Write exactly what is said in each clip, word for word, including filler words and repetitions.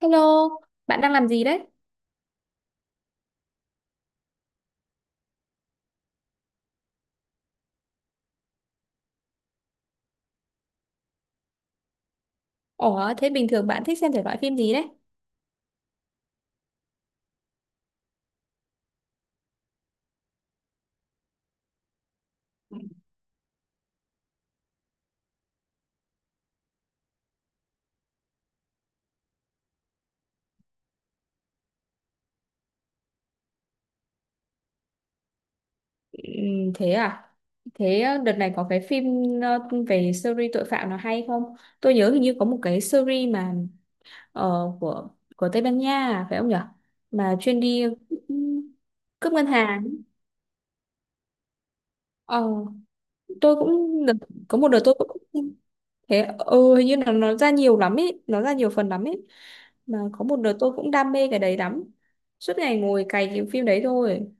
Hello, bạn đang làm gì đấy? Ủa, thế bình thường bạn thích xem thể loại phim gì đấy? Ừm, thế à? Thế ờ, đợt này có cái phim ờ, về series tội phạm nào hay không? Tôi nhớ hình như có một cái series mà ờ, của của Tây Ban Nha, à, phải không nhở? Mà chuyên đi ừm, cướp ngân hàng. Ờ, tôi cũng đợt- có một đợt tôi cũng, thế ừ, hình như là nó ra nhiều lắm ấy, nó ra nhiều phần lắm ấy. Mà có một đợt tôi cũng đam mê cái đấy lắm. Suốt ngày ngồi cày cái phim đấy thôi.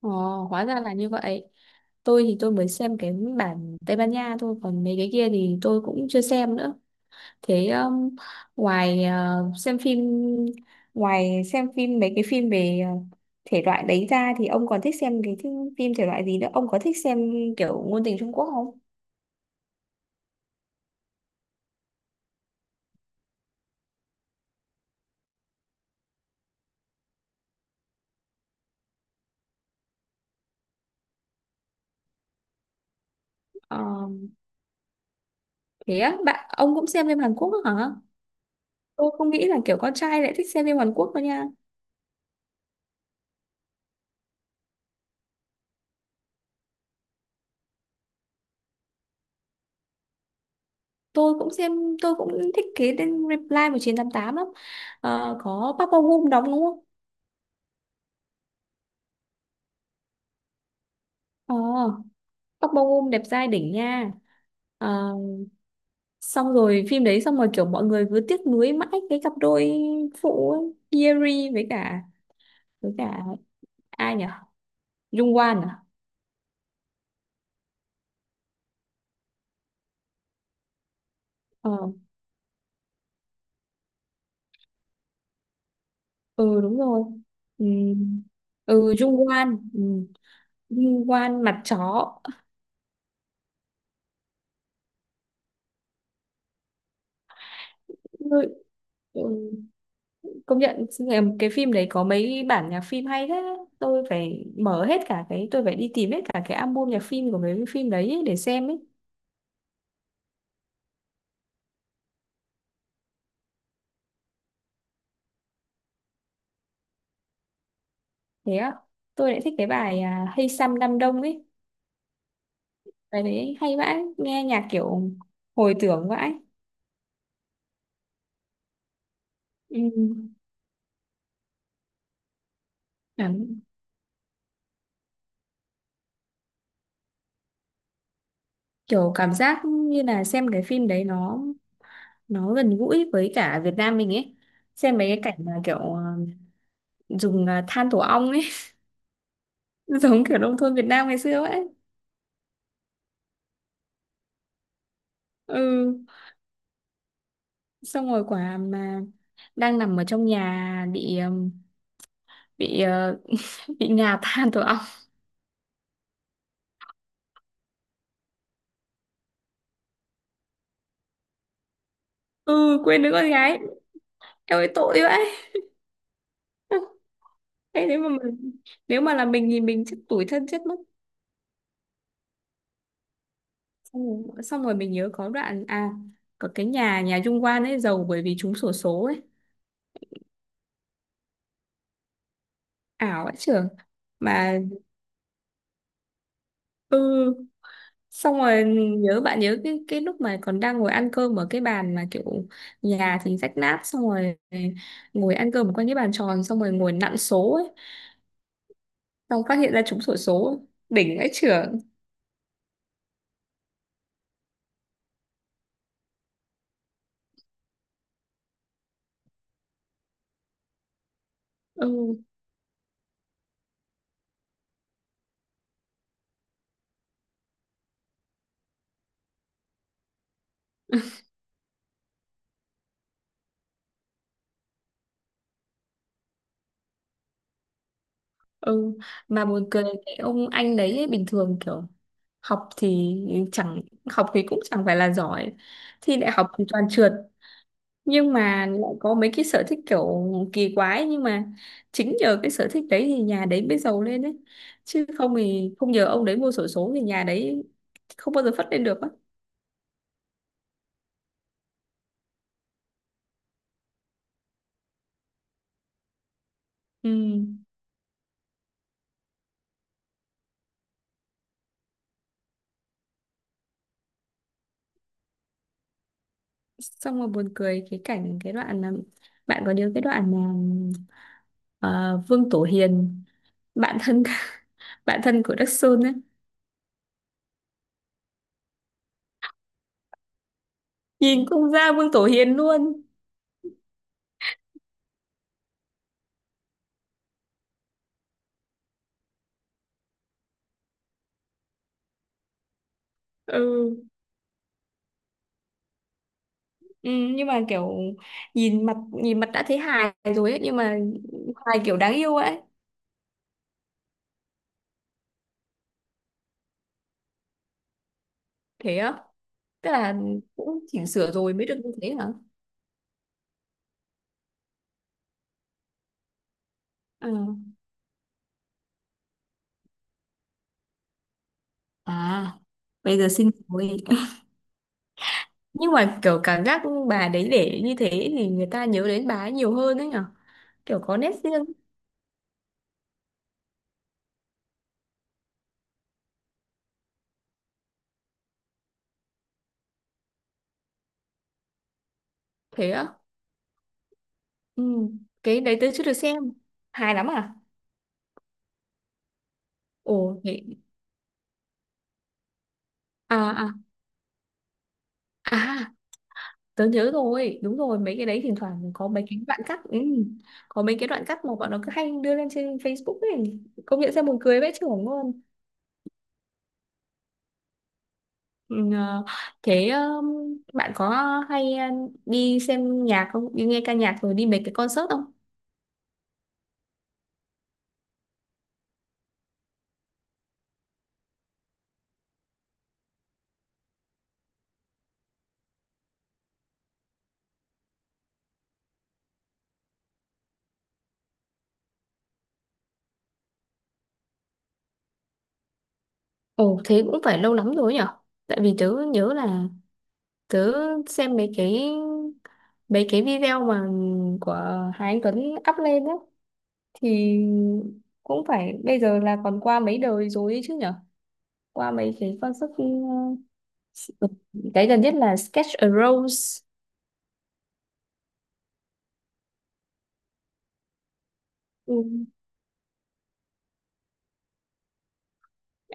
Ồ, hóa ra là như vậy. Tôi thì tôi mới xem cái bản Tây Ban Nha thôi, còn mấy cái kia thì tôi cũng chưa xem nữa. Thế um, ngoài ờ, xem phim ngoài xem phim mấy cái phim về ờ, thể loại đấy ra thì ông còn thích xem cái thi- phim thể loại gì nữa? Ông có thích xem kiểu ngôn tình Trung Quốc không? Ờ, thế á, bạn ông cũng xem phim Hàn Quốc nữa hả? Tôi không nghĩ là kiểu con trai lại thích xem phim Hàn Quốc đâu nha. tôi cũng xem tôi cũng thích cái tên Reply mười chín tám tám lắm. Ờ, có Park Bo Gum đóng đúng không? ờ, Park Bo Gum đẹp trai đỉnh nha. Ờ, xong rồi phim đấy, xong rồi kiểu mọi người cứ tiếc nuối mãi cái cặp đôi phụ ấy, Yeri với cả với cả ai nhỉ, Jung Wan à? ờ, ừ, đúng rồi. Ừ, ừ, Jung Wan, ừ. Jung Wan mặt chó. Ừ, công nhận. Ừ, cái phim đấy có mấy bản nhạc phim hay thế. Tôi phải mở hết cả cái tôi phải đi tìm hết cả cái album nhạc phim của mấy cái phim đấy ấy để xem ấy. Thế á? Tôi lại thích cái bài à, Hey Sam Đam Đông ấy. Bài đấy hay vãi, nghe nhạc kiểu hồi tưởng vãi. Ừ. cảm- Kiểu cảm giác như là xem cái phim đấy nó nó gần gũi với cả Việt Nam mình ấy. Xem mấy cái cảnh mà kiểu à, dùng à, than tổ ong ấy. Giống kiểu nông thôn Việt Nam ngày xưa ấy. Ừ. Xong rồi quả mà đang nằm ở trong nhà bị ừm, bị ờ, bị ngà than tổ ong. Ừ, quên đứa con gái. Em ơi, tội vậy. Thế nếu mà mình, nếu mà là mình thì mình chết, tủi thân chết mất. xong rồi, xong rồi mình nhớ có đoạn, à, có cái nhà nhà Dung Quan ấy giàu bởi vì trúng xổ số ấy, ảo ấy trưởng. Mà ừ, xong rồi mình nhớ bạn nhớ cái cái lúc mà còn đang ngồi ăn cơm ở cái bàn mà kiểu, nhà thì rách nát, xong rồi ngồi ăn cơm quanh cái bàn tròn, xong rồi ngồi nặn số ấy, xong phát hiện ra trúng xổ số, đỉnh ấy trưởng. Ừ, ừ, mà buồn cười cái ông anh đấy ấy. Bình thường kiểu học thì chẳng học thì cũng chẳng phải là giỏi, thi đại học thì toàn trượt, nhưng mà lại có mấy cái sở thích kiểu kỳ quái. Nhưng mà chính nhờ cái sở thích đấy thì nhà đấy mới giàu lên đấy, chứ không thì không nhờ ông đấy mua xổ số thì nhà đấy không bao giờ phất lên được á. Ừ. Xong rồi buồn cười cái cảnh, cái đoạn là, bạn có nhớ cái đoạn mà ờ, Vương Tổ Hiền, bạn thân, bạn thân của Đắc Sơn ấy. Nhìn cũng ra Vương Tổ Hiền luôn. Ừ. Ừ, nhưng mà kiểu nhìn mặt nhìn mặt đã thấy hài rồi ấy, nhưng mà hài kiểu đáng yêu ấy. Thế á? Tức là cũng chỉnh sửa rồi mới được như thế hả? à, à Bây giờ xin rồi. Nhưng mà kiểu cảm giác bà đấy để như thế thì người ta nhớ đến bà ấy nhiều hơn đấy nhở, kiểu có nét riêng. Thế á? Ừ. Cái đấy tớ chưa được xem, hài lắm à? Ồ, thế À à à tớ nhớ rồi, đúng rồi, mấy cái đấy thỉnh thoảng có mấy cái đoạn cắt. Ừ. Có mấy cái đoạn cắt mà bọn nó cứ hay đưa lên trên Facebook ấy, công nhận ra buồn cười vãi chưởng luôn. Ừ. Ờ, thế ờ, bạn có hay ờ, đi xem nhạc không? Đi nghe ca nhạc rồi đi mấy cái concert không? Ồ, thế cũng phải lâu lắm rồi nhở? Tại vì tớ nhớ là tớ xem mấy cái, mấy cái video mà của Hà Anh Tuấn up lên á, thì cũng phải bây giờ là còn qua mấy đời rồi ấy chứ nhở? Qua mấy cái concert, ờ, cái gần nhất là Sketch a Rose. Ừ.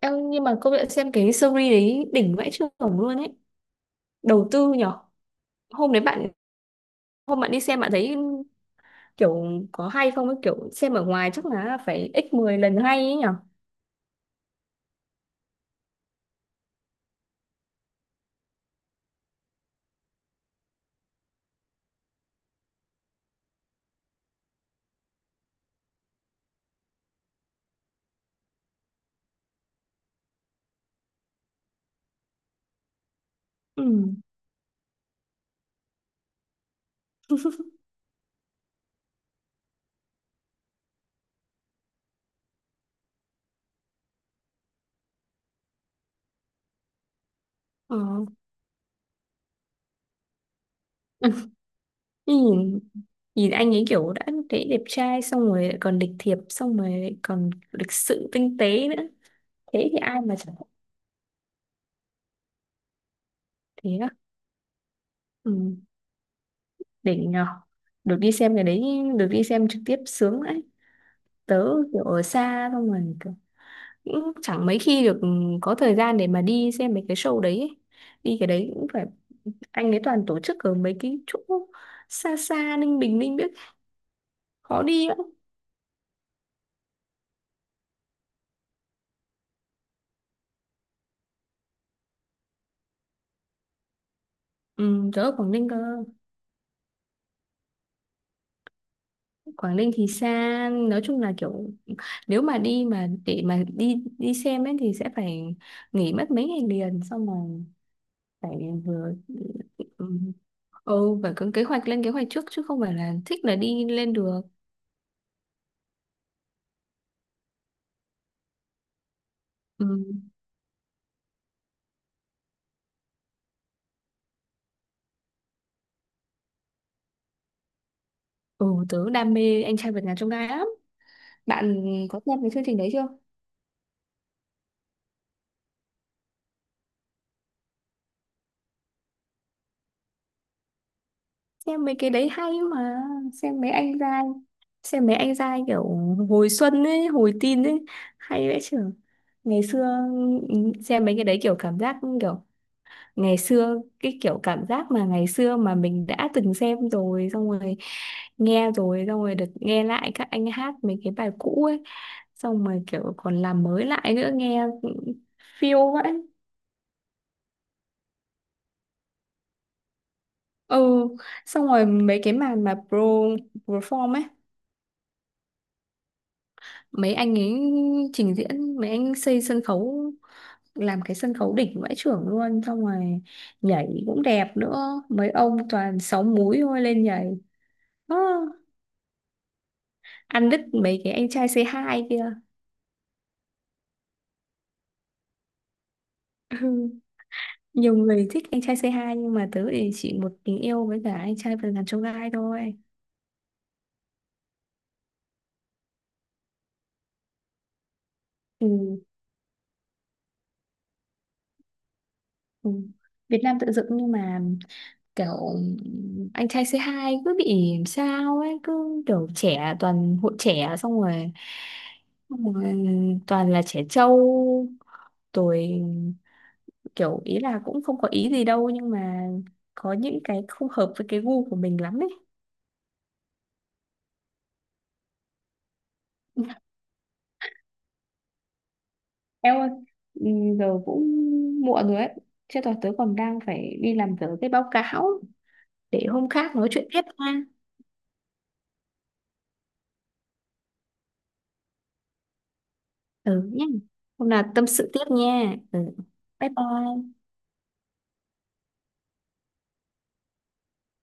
Em nhưng mà công nhận xem cái series đấy đỉnh vãi chưởng luôn ấy. Đầu tư nhở. hôm đấy bạn Hôm bạn đi xem bạn thấy kiểu có hay không ấy, kiểu xem ở ngoài chắc là phải x mười lần hay ấy nhở. Ừ. ờ. nhìn Nhìn anh ấy kiểu đã thấy đẹp trai, xong rồi lại còn lịch thiệp, xong rồi lại còn lịch sự tinh tế nữa, thế thì ai mà chẳng thích. Thế á? Ừ. Đỉnh nhở. Được đi xem cái đấy, được đi xem trực tiếp sướng đấy. Tớ kiểu ở xa, xong rồi kiểu cũng chẳng mấy khi được có thời gian để mà đi xem mấy cái show đấy ấy. Đi cái đấy cũng phải, anh ấy toàn tổ chức ở mấy cái chỗ xa xa, Ninh Bình Ninh biết, khó đi lắm. Ừ, tớ ở Quảng Ninh cơ. Quảng Ninh thì xa, nói chung là kiểu nếu mà đi mà để mà đi đi xem ấy thì sẽ phải nghỉ mất mấy ngày liền, xong rồi phải vừa, ừ, ừ phải có kế hoạch, lên kế hoạch trước chứ không phải là thích là đi lên được. Ừ, ừ tớ đam mê anh trai vượt ngàn chông gai lắm. Bạn có xem cái chương trình đấy chưa? Xem mấy cái đấy hay mà. xem mấy anh giai xem mấy anh giai kiểu hồi xuân ấy, hồi teen ấy, hay vãi chưởng. Ngày xưa, ừ, xem mấy cái đấy kiểu cảm giác kiểu ngày xưa, cái kiểu cảm giác mà ngày xưa mà mình đã từng xem rồi, xong rồi nghe rồi, xong rồi được nghe lại các anh hát mấy cái bài cũ ấy, xong rồi kiểu còn làm mới lại nữa, nghe phiêu vậy. Ừ. Xong rồi mấy cái màn mà pro perform ấy, mấy anh ấy trình diễn, mấy anh xây sân khấu, làm cái sân khấu đỉnh vãi chưởng luôn, xong rồi nhảy cũng đẹp nữa, mấy ông toàn sáu múi thôi lên nhảy. Ơ, ăn đứt mấy cái anh trai c hai kia. Ừ, nhiều người thích anh trai c hai nhưng mà tớ thì chỉ một tình yêu với cả anh trai vườn ngàn chông gai thôi. Ừ. Ừ. Việt Nam tự dựng nhưng mà kiểu anh trai c hai cứ bị làm sao ấy, cứ kiểu trẻ, toàn hội trẻ, xong rồi xong rồi toàn là trẻ trâu rồi, kiểu ý là cũng không có ý gì đâu nhưng mà có những cái không hợp với cái gu của mình lắm ấy. Em ơi, ừ, giờ cũng muộn rồi ấy. Chứ tớ tớ còn đang phải đi làm dở cái báo cáo, để hôm khác nói chuyện tiếp nha. Ừ nhé. Hôm nào tâm sự tiếp nha. Ừ. Bye bye.